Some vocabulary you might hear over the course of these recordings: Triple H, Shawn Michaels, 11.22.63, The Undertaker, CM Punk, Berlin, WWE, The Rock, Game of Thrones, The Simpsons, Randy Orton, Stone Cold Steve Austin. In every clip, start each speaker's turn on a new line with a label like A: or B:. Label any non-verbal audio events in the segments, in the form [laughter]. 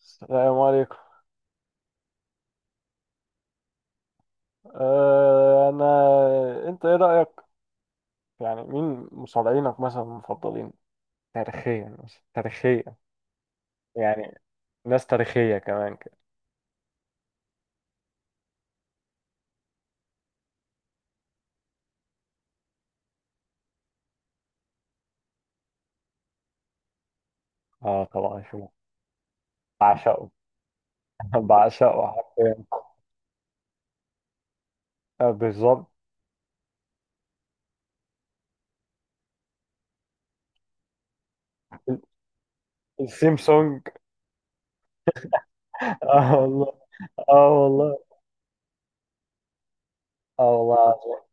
A: السلام عليكم. أه انا انت ايه رأيك؟ يعني مين مصارعينك مثلا المفضلين تاريخيا؟ مثلا تاريخيا، يعني ناس تاريخية كمان كده. اه، طبعا بعشقه. [laughs] بعشقه حرفيا. آه، بالظبط. ال- السيمسونج. [laughs] اه والله، اه والله، اه والله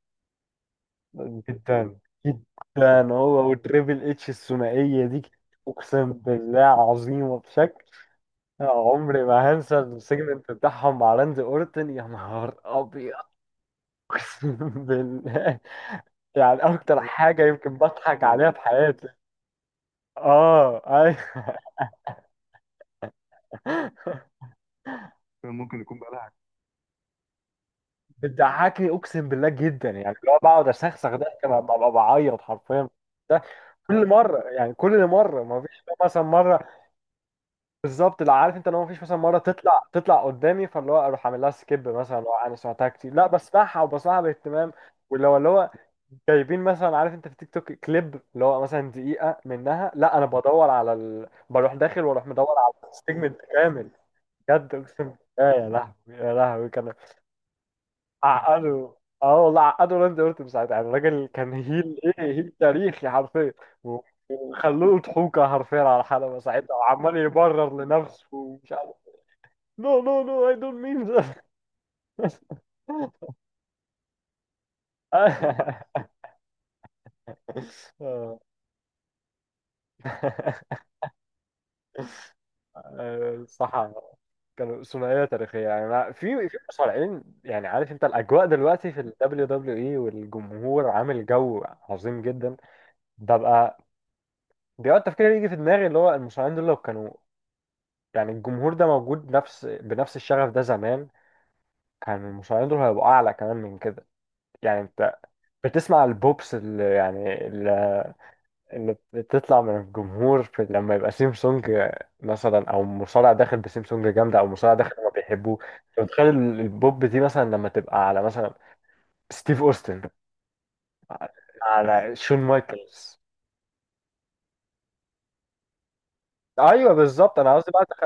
A: العظيم. جدا جدا، هو والتريبل اتش الثنائية دي. اقسم بالله عظيمة بشكل، عمري ما هنسى السيجمنت بتاعهم مع راندي اورتن. يا نهار ابيض، [laughs] اقسم بالله، يعني اكتر حاجه يمكن بضحك عليها في حياتي. اه، ايوه. [laughs] كان ممكن يكون بقى، بتضحكني اقسم بالله جدا، يعني اللي هو بقعد اسخسخ ده كما ببقى بعيط حرفيا. ده كل مره، يعني كل مره ما فيش مثلا مره. بالظبط، لا عارف انت، لو مفيش مثلا مره تطلع قدامي فاللي هو اروح اعمل لها سكيب، مثلا لو انا سمعتها كتير، لا بسمعها وبسمعها باهتمام. واللي هو جايبين مثلا، عارف انت في تيك توك كليب اللي هو مثلا دقيقه منها، لا انا بدور على بروح داخل واروح مدور على السيجمنت كامل. بجد اقسم بالله، يا لهوي يا لهوي كان عقده. اه والله، عقده راندي اورتون ساعتها، يعني الراجل كان هيل، ايه هيل تاريخي حرفيا. وخلوه ضحوكه حرفيا على الحلبه ساعتها، وعمال يبرر لنفسه ومش عارف. No, no, no, I don't mean that. [laughs] آه. آه، صح. كانوا ثنائية تاريخية، يعني في مصارعين، يعني عارف انت الأجواء دلوقتي في ال WWE والجمهور عامل جو عظيم جدا. ببقى بيقعد تفكير يجي في دماغي، اللي هو المصارعين دول لو كانوا، يعني الجمهور ده موجود نفس بنفس الشغف ده زمان، كان المصارعين دول هيبقوا أعلى كمان من كده. يعني انت بتسمع البوبس اللي يعني ان بتطلع من الجمهور في لما يبقى سيمسونج مثلا، او مصارع داخل بسيمسونج جامده، او مصارع داخل ما بيحبوه. انت متخيل البوب دي مثلا لما تبقى على مثلا ستيف اوستن، على شون مايكلز. ايوه بالظبط، انا قصدي بقى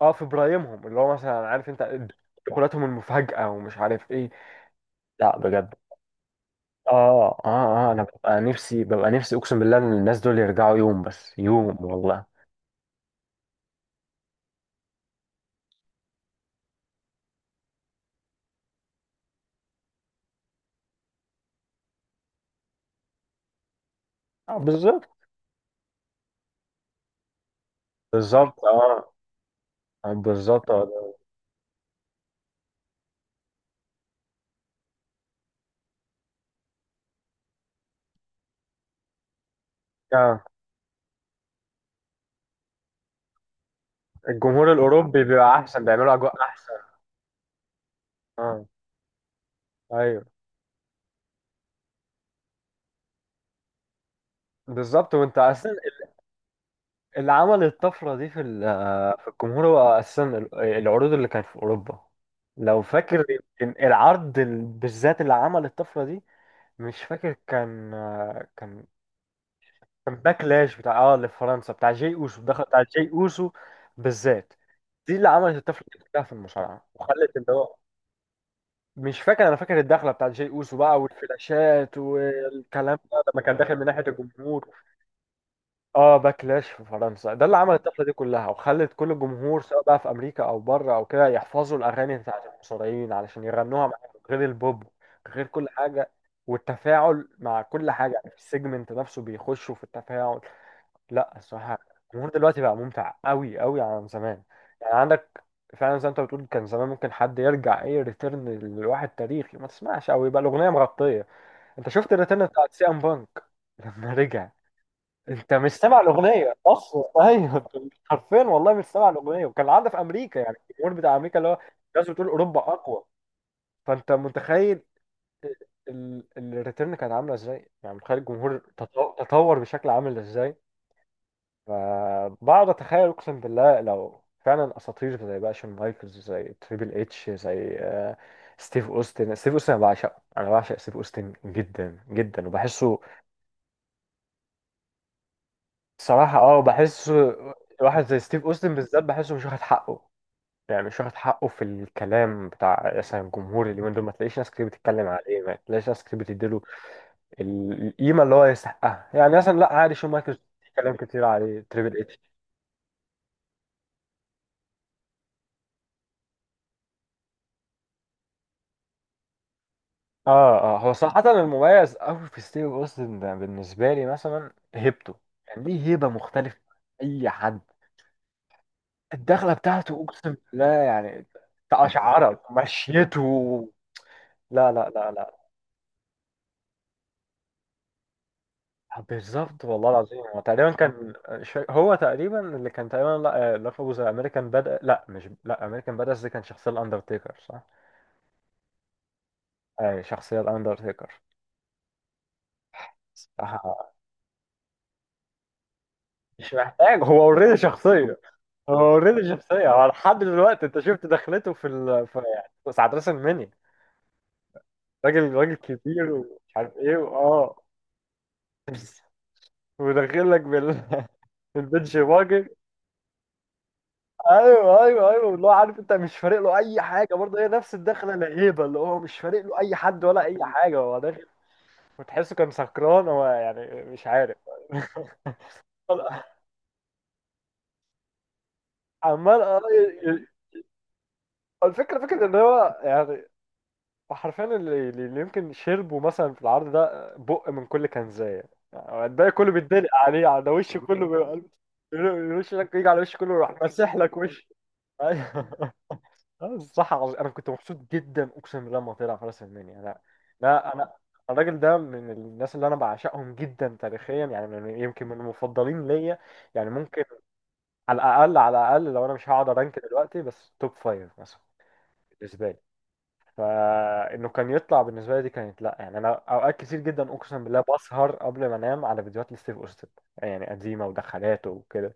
A: اه في برايمهم، اللي هو مثلا عارف انت دخولاتهم المفاجاه ومش عارف ايه. لا بجد. اه اه انا ببقى نفسي اقسم بالله ان الناس دول يرجعوا يوم، بس يوم والله. اه بالظبط. بالظبط، اه. آه، بالظبط. اه الجمهور الاوروبي بيبقى احسن، بيعملوا اجواء احسن. اه، ايوه. بالظبط، وانت اصلا اللي عمل الطفره دي في في الجمهور، هو اصلا العروض اللي كانت في اوروبا. لو فاكر يمكن العرض بالذات اللي عمل الطفره دي، مش فاكر كان، كان كان باكلاش بتاع، اه اللي في فرنسا، بتاع جي اوسو، الدخل بتاع جي اوسو بالذات، دي اللي عملت الطفره دي كلها في المصارعه، وخلت اللي هو مش فاكر. انا فاكر الدخله بتاعت جاي اوسو بقى، والفلاشات والكلام ده لما كان داخل من ناحيه الجمهور. اه، باكلاش في فرنسا ده اللي عمل الطفره دي كلها، وخلت كل الجمهور سواء بقى في امريكا او بره او كده، يحفظوا الاغاني بتاعت المصارعين علشان يغنوها معاهم، غير البوب، غير كل حاجه، والتفاعل مع كل حاجه. يعني في السيجمنت نفسه بيخشوا في التفاعل. لا الصراحه، الجمهور دلوقتي بقى ممتع قوي قوي عن زمان. يعني عندك، فعلا زي ما انت بتقول، كان زمان ممكن حد يرجع، ايه ريتيرن لواحد تاريخي، ما تسمعش او يبقى الاغنيه مغطيه. انت شفت الريتيرن بتاعت سي ام بانك؟ [laughs] لما رجع انت مش سامع الاغنيه اصلا. [laughs] ايوه أنت حرفيا والله مش سامع الاغنيه، وكان العادة في امريكا، يعني الجمهور بتاع امريكا اللي هو الناس بتقول اوروبا اقوى. فانت متخيل ال- ال- الريتيرن كانت عامله ازاي؟ يعني متخيل الجمهور تطور بشكل عامل ازاي. فبقعد اتخيل اقسم بالله، لو فعلا اساطير زي بقى شون مايكلز، زي تريبل اتش، زي ستيف اوستن. انا بعشقه، انا بعشق ستيف اوستن جدا جدا، وبحسه صراحة. اه، بحسه. واحد زي ستيف اوستن بالذات بحسه مش واخد حقه، يعني مش واخد حقه في الكلام بتاع مثلا الجمهور اليومين دول. ما تلاقيش ناس كتير بتتكلم عليه، ما تلاقيش ناس كتير بتديله القيمة اللي هو يستحقها. يعني مثلا لا عادي، شون مايكلز بيتكلم كتير عليه، تريبل. اه هو صراحة المميز أوي في ستيف أوستن ده بالنسبة لي مثلا هيبته. يعني ليه هيبة مختلفة عن أي حد. الدخلة بتاعته أقسم بالله يعني تقشعرك مشيته. لا. آه، بالظبط والله العظيم. هو تقريبا كان، هو تقريبا اللي كان تقريبا، لا لقبه زي أمريكان بدأ، لا مش، لا أمريكان بدأ دي كان شخصية الأندرتيكر صح؟ أي شخصية الأندرتيكر، صح. مش محتاج، هو اوريدي شخصية. هو اوريدي شخصية، هو لحد دلوقتي انت شفت دخلته في ال في يعني ساعة راس المنيا؟ راجل، راجل كبير ومش عارف ايه، واه. [laughs] وداخل لك بال [laughs] بالبنش باجي. ايوه ايوه ايوه، اللي هو عارف انت مش فارق له اي حاجة برضه، هي نفس الدخلة، الهيبة اللي هو مش فارق له اي حد ولا اي حاجة، هو داخل. وتحسه كان سكران هو، يعني مش عارف. [laughs] عمال، الفكرة فكرة ان هو يعني، وحرفيا اللي يمكن شربوا مثلا في العرض ده، آه، بق من كل كنزاية، يعني الباقي كله بيتدلق عليه، على وش كله بيبقى، الوش لك يجي على وش كله، يروح ماسح لك وش. ايوه. [laughs] الصح عظيم، انا كنت مبسوط جدا اقسم بالله لما طلع فارس المنيا. لا، لا انا الراجل ده من الناس اللي انا بعشقهم جدا تاريخيا، يعني من يمكن من المفضلين ليا. يعني ممكن، على الاقل، لو انا مش هقعد ارانك دلوقتي، بس توب فايف مثلا بالنسبه لي، فانه كان يطلع بالنسبه لي دي كانت، لا يعني انا اوقات كتير جدا اقسم بالله بسهر قبل ما انام على فيديوهات لستيف اوستن، يعني قديمه ودخلاته وكده.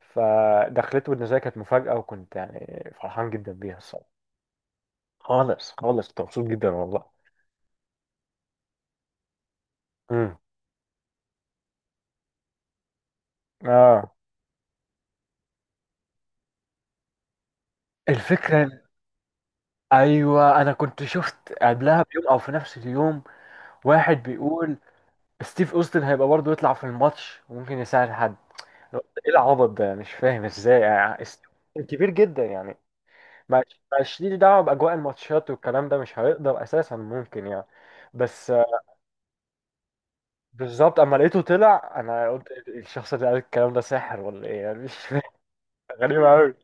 A: فدخلته بالنسبه لي كانت مفاجاه، وكنت يعني فرحان جدا بيها الصراحه. خالص، خالص كنت مبسوط جدا والله. امم اه، الفكره ايوه انا كنت شفت قبلها بيوم او في نفس اليوم واحد بيقول ستيف اوستن هيبقى برضه يطلع في الماتش وممكن يساعد حد. أنا قلت ايه العبط ده؟ مش فاهم ازاي، يعني ستيف أوستن كبير جدا يعني، مش ليه دعوه باجواء الماتشات والكلام ده، مش هيقدر اساسا ممكن يعني. بس بالظبط، اما لقيته طلع انا قلت الشخص اللي قال الكلام ده ساحر ولا ايه، يعني مش [laughs] فاهم. غريبه قوي.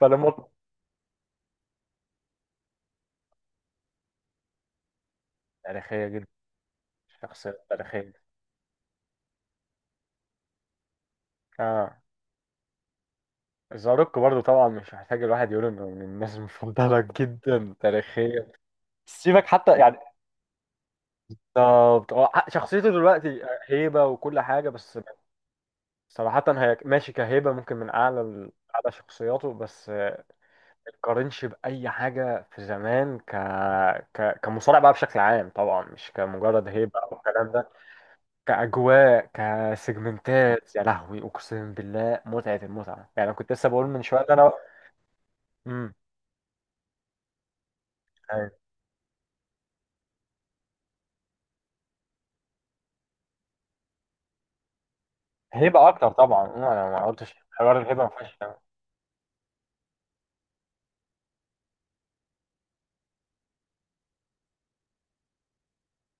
A: فلما، تاريخيه جدا، شخصيه تاريخيه. اه، زاروك برضو طبعا مش محتاج الواحد يقول انه من الناس المفضله [laughs] جدا تاريخيا. سيبك حتى يعني، بالظبط هو شخصيته دلوقتي هيبه وكل حاجه، بس صراحه هي ماشي كهيبه، ممكن من اعلى اعلى شخصياته، بس تقارنش بأي حاجة في زمان كمصارع بقى بشكل عام طبعا، مش كمجرد هيبة أو الكلام ده. كأجواء، كسيجمنتات، يا لهوي أقسم بالله متعة المتعة. يعني أنا كنت لسه بقول من شوية ده أنا. امم أيوة. هيبة أكتر طبعا، أه، أنا ما قلتش حوار الهيبة، ما فيهاش كلام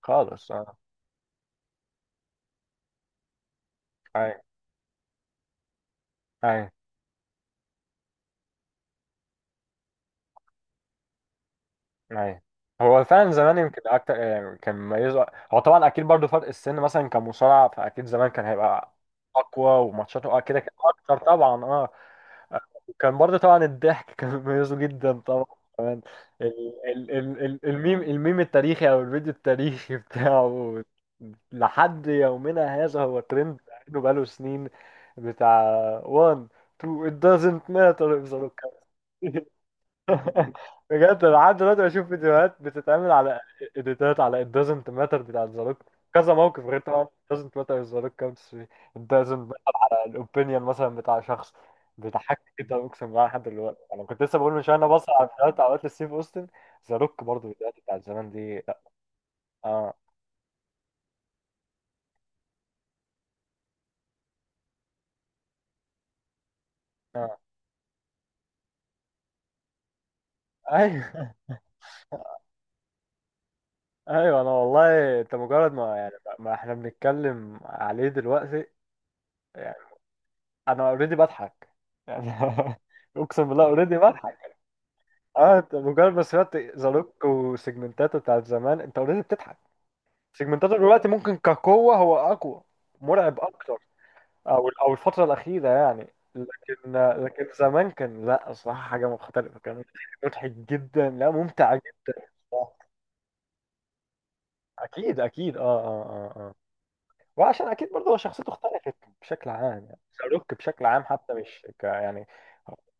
A: خالص. أه، أيوة، أيوة. أيوة هو فعلا زمان يمكن أكتر يعني كان مميزه. هو طبعا أكيد برضو فرق السن مثلا كمصارع، فأكيد زمان كان هيبقى أقوى. وماتشاته أه كده كانت أكتر طبعا، أه. كان برضه طبعا الضحك [laughs] كان مميزه جدا طبعا كمان. ال ال ال ال الميم، التاريخي او الفيديو التاريخي [laughs] بتاعه لحد يومنا هذا هو ترند بقاله سنين. بتاع 1 2 it doesn't matter [laughs] if the look. بجد انا لحد دلوقتي بشوف فيديوهات بتتعمل على اديتات على it doesn't matter بتاعت ذا روك، كذا موقف، غير طبعا it doesn't matter is the rock counts free. it doesn't matter على الاوبينيون مثلا بتاع شخص. بيضحكني جدا اقسم بالله لحد دلوقتي. انا كنت لسه بقول من شويه انا بص على فيديوهات اوقات لستيف اوستن. ذا روك برضه الفيديوهات بتاعت زمان دي، لا. اه اه ايوه. [laughs] ايوه انا والله انت مجرد ما يعني، ما احنا بنتكلم عليه دلوقتي يعني، انا اوريدي بضحك يعني. [laughs] اقسم بالله اوريدي بضحك. اه، انت مجرد ما سمعت ذا روك وسيجمنتاته بتاعت زمان، انت اوريدي بتضحك. سيجمنتاته دلوقتي ممكن كقوة هو اقوى، مرعب اكتر، او الفترة الأخيرة يعني، لكن، لكن زمان كان لا صراحة حاجة مختلفة، كان مضحك جدا، لا ممتع جدا. اكيد اكيد، اه آه. وعشان اكيد برضه هو شخصيته اختلفت بشكل عام، يعني شاروك بشكل عام حتى مش ك يعني،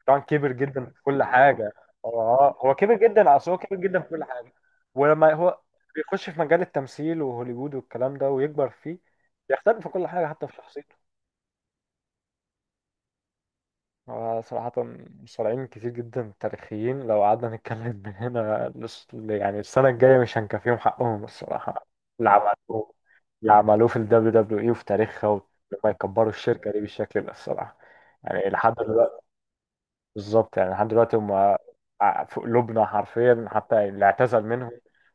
A: طبعا كبر جدا في كل حاجه. اه، هو كبر جدا، اصل هو كبر جدا في كل حاجه، ولما هو بيخش في مجال التمثيل وهوليوود والكلام ده ويكبر فيه، بيختلف في كل حاجه حتى في شخصيته. هو صراحة مصارعين كتير جدا تاريخيين، لو قعدنا نتكلم من هنا يعني السنة الجاية مش هنكفيهم حقهم الصراحة. اللي عملوه، في ال WWE وفي تاريخها، ولما يكبروا الشركة دي بالشكل ده الصراحة. يعني لحد دلوقتي، بالظبط يعني لحد دلوقتي هم في قلوبنا حرفيا. حتى اللي اعتزل منهم،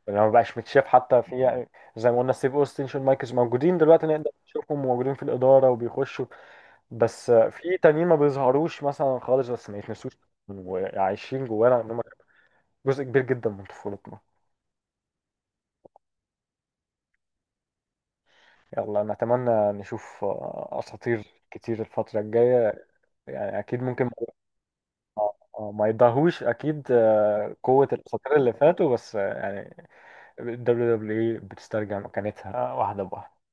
A: اللي ما بقاش متشاف، حتى في زي ما قلنا ستيف اوستن، شون مايكلز موجودين دلوقتي، نقدر نشوفهم موجودين في الإدارة وبيخشوا. بس في تانيين ما بيظهروش مثلا خالص، بس ما يتنسوش، وعايشين جوانا ان هم جزء كبير جدا من طفولتنا. يلا نتمنى نشوف اساطير كتير الفترة الجاية. يعني اكيد ممكن ما، ما يضاهوش اكيد قوة الاساطير اللي فاتوا، بس يعني ال WWE بتسترجع مكانتها واحدة بواحدة.